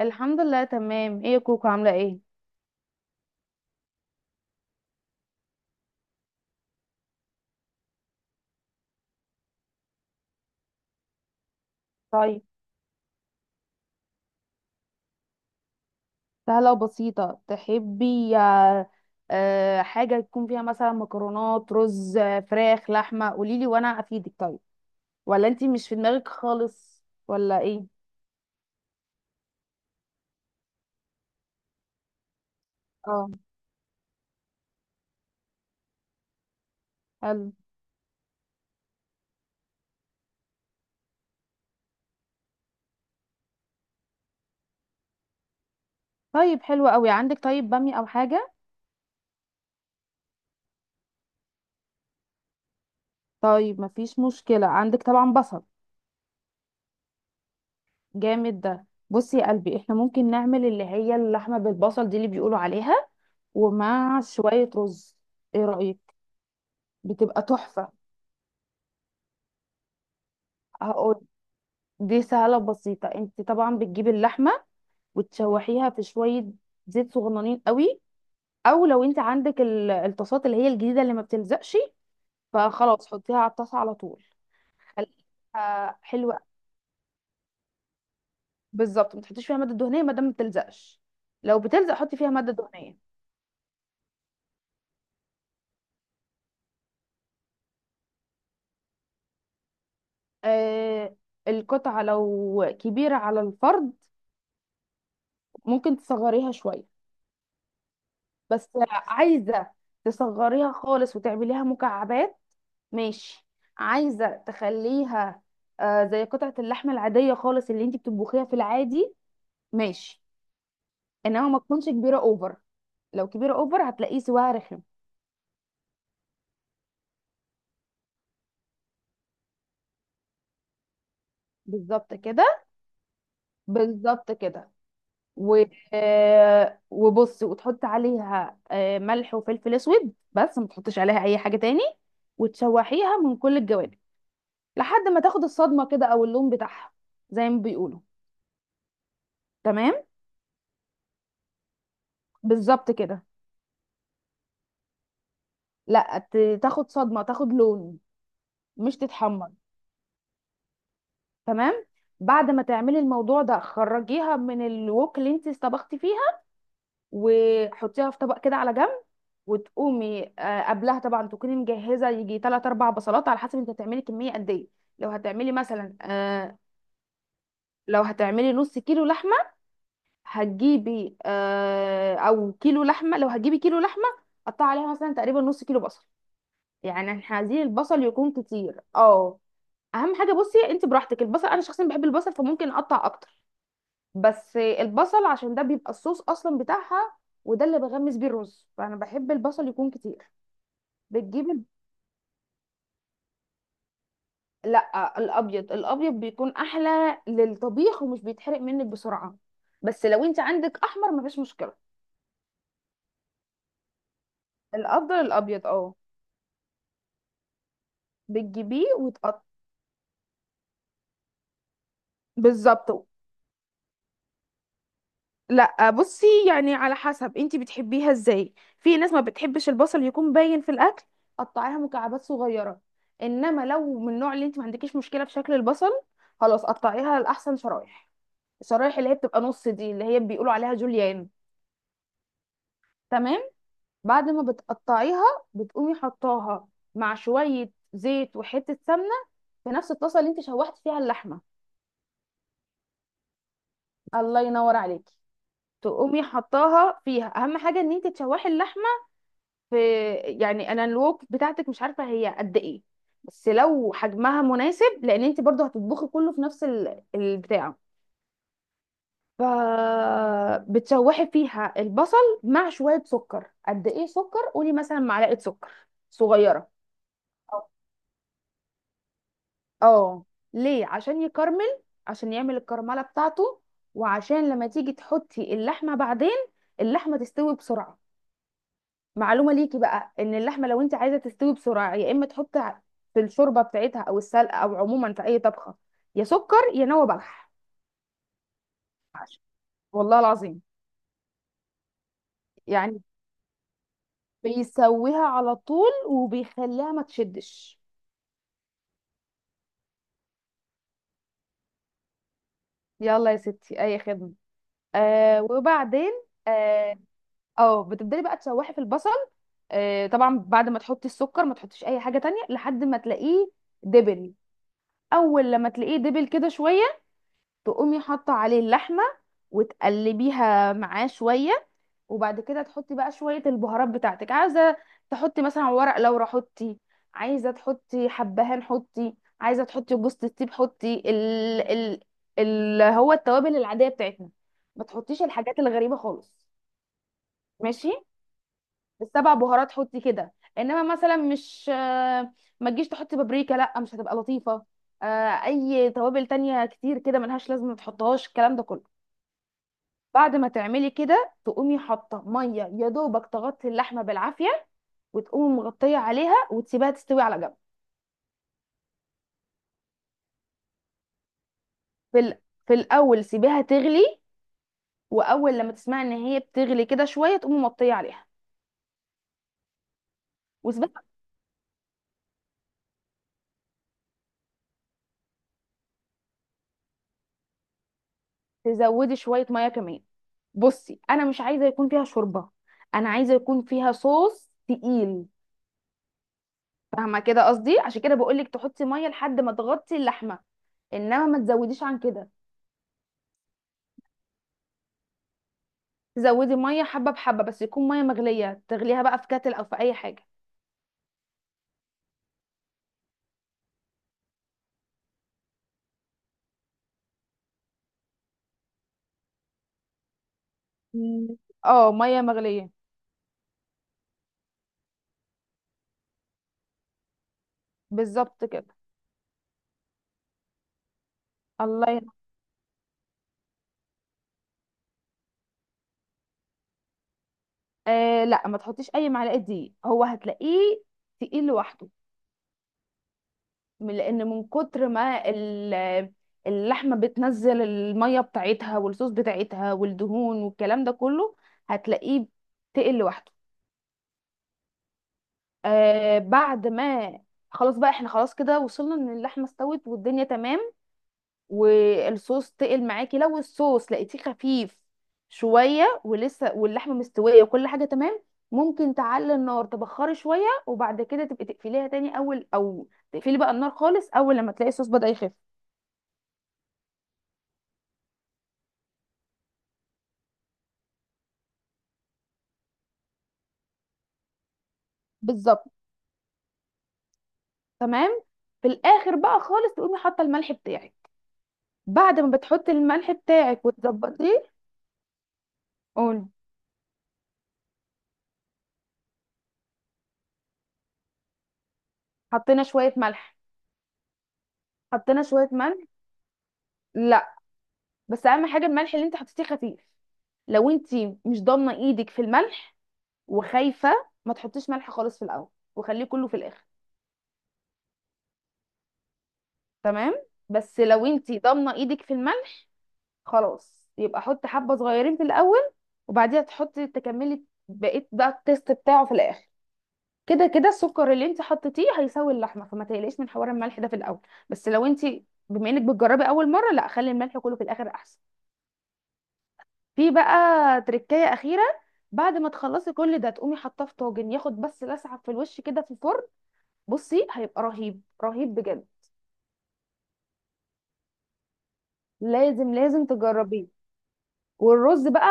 الحمد لله تمام. ايه يا كوكو، عاملة ايه؟ طيب، سهلة وبسيطة تحبي حاجة يكون فيها مثلا مكرونات رز، فراخ، لحمة؟ قوليلي وانا افيدك. طيب، ولا انتي مش في دماغك خالص؟ ولا ايه؟ اه. حلو. طيب، حلو قوي. عندك طيب بامي او حاجة؟ طيب، مفيش مشكلة. عندك طبعا بصل؟ جامد. ده بصي يا قلبي، احنا ممكن نعمل اللي هي اللحمة بالبصل، دي اللي بيقولوا عليها، ومع شوية رز. ايه رأيك؟ بتبقى تحفة. دي سهلة وبسيطة. انت طبعا بتجيبي اللحمة وتشوحيها في شوية زيت صغننين قوي، او لو انت عندك الطاسات اللي هي الجديدة اللي ما بتلزقش، فخلاص حطيها على الطاسة على طول، خليها حلوة. بالظبط، ما تحطيش فيها مادة دهنية ما دام ما بتلزقش. لو بتلزق حطي فيها مادة دهنية. آه، القطعة لو كبيرة على الفرد ممكن تصغريها شوية، بس عايزة تصغريها خالص وتعمليها مكعبات؟ ماشي. عايزة تخليها آه زي قطعة اللحم العادية خالص اللي انت بتطبخيها في العادي؟ ماشي. انما ما تكونش كبيرة اوفر، لو كبيرة اوفر هتلاقيه سواها رخم. بالظبط كده، بالظبط كده. و... آه، وبصي، وتحط عليها ملح وفلفل اسود بس، ما تحطش عليها اي حاجة تاني، وتشوحيها من كل الجوانب لحد ما تاخد الصدمة كده او اللون بتاعها، زي ما بيقولوا. تمام، بالظبط كده. لا، تاخد صدمة، تاخد لون، مش تتحمر. تمام. بعد ما تعملي الموضوع ده خرجيها من الوك اللي انت طبختي فيها، وحطيها في طبق كده على جنب، وتقومي، قبلها طبعا تكوني مجهزه يجي 3 4 بصلات على حسب انت هتعملي كميه قد ايه. لو هتعملي مثلا لو هتعملي نص كيلو لحمه هتجيبي، او كيلو لحمه، لو هتجيبي كيلو لحمه قطعي عليها مثلا تقريبا نص كيلو بصل، يعني احنا عايزين البصل يكون كتير. اه، اهم حاجه. بصي، انت براحتك، البصل انا شخصيا بحب البصل فممكن اقطع اكتر، بس البصل عشان ده بيبقى الصوص اصلا بتاعها، وده اللي بغمس بيه الرز، فانا بحب البصل يكون كتير. بتجيب ال- لا، الابيض، الابيض بيكون احلى للطبيخ ومش بيتحرق منك بسرعه، بس لو انت عندك احمر مفيش مشكله. الافضل الابيض، اه. بتجيبيه وتقط. بالظبط. لا بصي، يعني على حسب انتي بتحبيها ازاي. في ناس ما بتحبش البصل يكون باين في الاكل، قطعيها مكعبات صغيره. انما لو من النوع اللي انتي ما عندكيش مشكله في شكل البصل، خلاص قطعيها لاحسن شرايح. الشرايح اللي هي بتبقى نص دي اللي هي بيقولوا عليها جوليان. تمام. بعد ما بتقطعيها بتقومي حطاها مع شويه زيت وحته سمنه في نفس الطاسه اللي انتي شوحتي فيها اللحمه. الله ينور عليكي. تقومي حطاها فيها. اهم حاجه ان انتي تشوحي اللحمه في، يعني انا الوك بتاعتك مش عارفه هي قد ايه، بس لو حجمها مناسب، لان انت برضو هتطبخي كله في نفس البتاع. فبتشوحي فيها البصل مع شويه سكر. قد ايه سكر؟ قولي مثلا معلقه سكر صغيره. اه. آه. ليه؟ عشان يكرمل، عشان يعمل الكرمله بتاعته، وعشان لما تيجي تحطي اللحمه بعدين اللحمه تستوي بسرعه. معلومه ليكي بقى، ان اللحمه لو انت عايزه تستوي بسرعه يا اما تحطي في الشوربه بتاعتها او السلقه، او عموما في اي طبخه، يا سكر يا نوى بلح. والله العظيم. يعني بيسويها على طول وبيخليها ما تشدش. يلا يا ستي، اي خدمه. آه، وبعدين، اه، بتبدأي بقى تشوحي في البصل. طبعا بعد ما تحطي السكر ما تحطيش اي حاجه تانية لحد ما تلاقيه دبل. اول لما تلاقيه دبل كده شويه تقومي حاطه عليه اللحمه وتقلبيها معاه شويه، وبعد كده تحطي بقى شويه البهارات بتاعتك. عايزه تحطي مثلا ورق لورا حطي، عايزه تحطي حبهان حطي، عايزه تحطي جوز الطيب حطي ال ال هو التوابل العاديه بتاعتنا. ما تحطيش الحاجات الغريبه خالص. ماشي. السبع بهارات حطي كده، انما مثلا مش، ما تجيش تحطي بابريكا، لا مش هتبقى لطيفه. آه، اي توابل تانية كتير كده ملهاش لازمه، ما تحطهاش الكلام ده كله. بعد ما تعملي كده تقومي حاطه ميه يا دوبك تغطي اللحمه بالعافيه، وتقومي مغطيه عليها وتسيبها تستوي على جنب. في ال... في الاول سيبيها تغلي، واول لما تسمعي ان هي بتغلي كده شويه تقومي مغطيه عليها وسيبها. تزودي شويه ميه كمان. بصي، انا مش عايزه يكون فيها شوربه، انا عايزه يكون فيها صوص تقيل. فاهمه كده قصدي؟ عشان كده بقول لك تحطي ميه لحد ما تغطي اللحمه، انما ما تزوديش عن كده. تزودي ميه حبه بحبه، بس يكون ميه مغليه، تغليها بقى في كاتل او في اي حاجه. مم. اه، ميه مغليه. بالظبط كده. الله ينور. آه لا، ما تحطيش اي معلقه دقيق، هو هتلاقيه تقيل لوحده. لان من كتر ما اللحمه بتنزل الميه بتاعتها والصوص بتاعتها والدهون والكلام ده كله، هتلاقيه تقل لوحده. آه، بعد ما، خلاص بقى، احنا خلاص كده وصلنا ان اللحمه استوت والدنيا تمام والصوص تقل معاكي. لو الصوص لقيتيه خفيف شويه ولسه واللحمه مستويه وكل حاجه تمام، ممكن تعلي النار تبخري شويه، وبعد كده تبقي تقفليها تاني، اول او تقفلي بقى النار خالص اول لما تلاقي الصوص بدأ يخف. بالظبط. تمام. في الاخر بقى خالص تقومي حاطه الملح بتاعك. بعد ما بتحطي الملح بتاعك وتظبطيه. قولي. حطينا شويه ملح. حطينا شويه ملح لا، بس اهم حاجه الملح اللي انت حطيتيه خفيف. لو انت مش ضامنه ايدك في الملح وخايفه، ما تحطيش ملح خالص في الاول وخليه كله في الاخر. تمام. بس لو انتي ضامنه ايدك في الملح، خلاص يبقى حطي حبه صغيرين في الاول، وبعديها تحطي تكملي بقيت بقى التيست بتاعه في الاخر. كده كده السكر اللي انت حطيتيه هيساوي اللحمه، فما تقلقيش من حوار الملح ده في الاول. بس لو انت، بما انك بتجربي اول مره، لا خلي الملح كله في الاخر احسن. في بقى تركايه اخيره، بعد ما تخلصي كل ده تقومي حاطاه في طاجن ياخد بس لسعه في الوش كده في الفرن. بصي، هيبقى رهيب رهيب بجد. لازم لازم تجربيه. والرز بقى،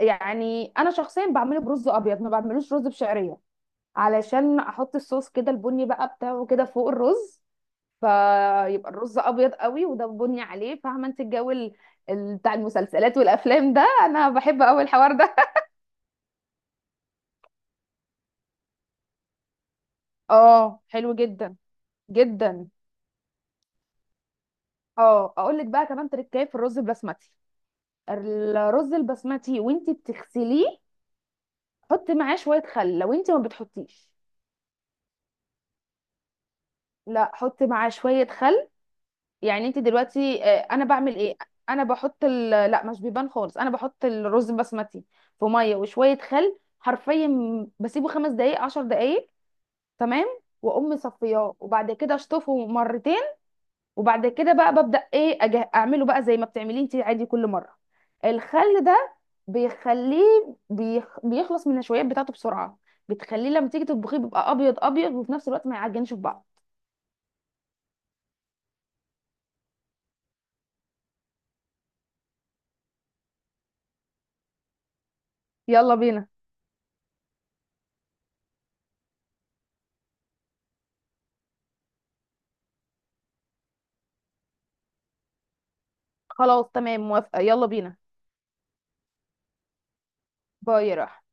يعني انا شخصيا بعمله برز ابيض، ما بعملوش رز بشعريه، علشان احط الصوص كده البني بقى بتاعه كده فوق الرز، فيبقى الرز ابيض قوي وده بني عليه. فاهمه انت الجو بتاع المسلسلات والافلام ده؟ انا بحب قوي الحوار ده. اه حلو جدا. جدا. اه اقول لك بقى كمان تركايه في الرز البسمتي. الرز البسمتي وانت بتغسليه حطي معاه شويه خل لو انت ما بتحطيش. لا، حط معاه شوية خل. يعني انت دلوقتي، انا بعمل ايه؟ انا بحط لا، مش بيبان خالص. انا بحط الرز البسمتي في مية وشوية خل حرفيا، بسيبه 5 دقايق، 10 دقايق. تمام. واقوم مصفياه، وبعد كده اشطفه مرتين، وبعد كده بقى ببدأ ايه اعمله بقى زي ما بتعمليه انت عادي كل مرة. الخل ده بيخليه، بيخلص من النشويات بتاعته بسرعة. بتخليه لما تيجي تطبخيه بيبقى ابيض ابيض، وفي نفس الوقت ما يعجنش في بعض. يلا بينا. خلاص تمام، موافقة، يلا بينا. باي يا راح.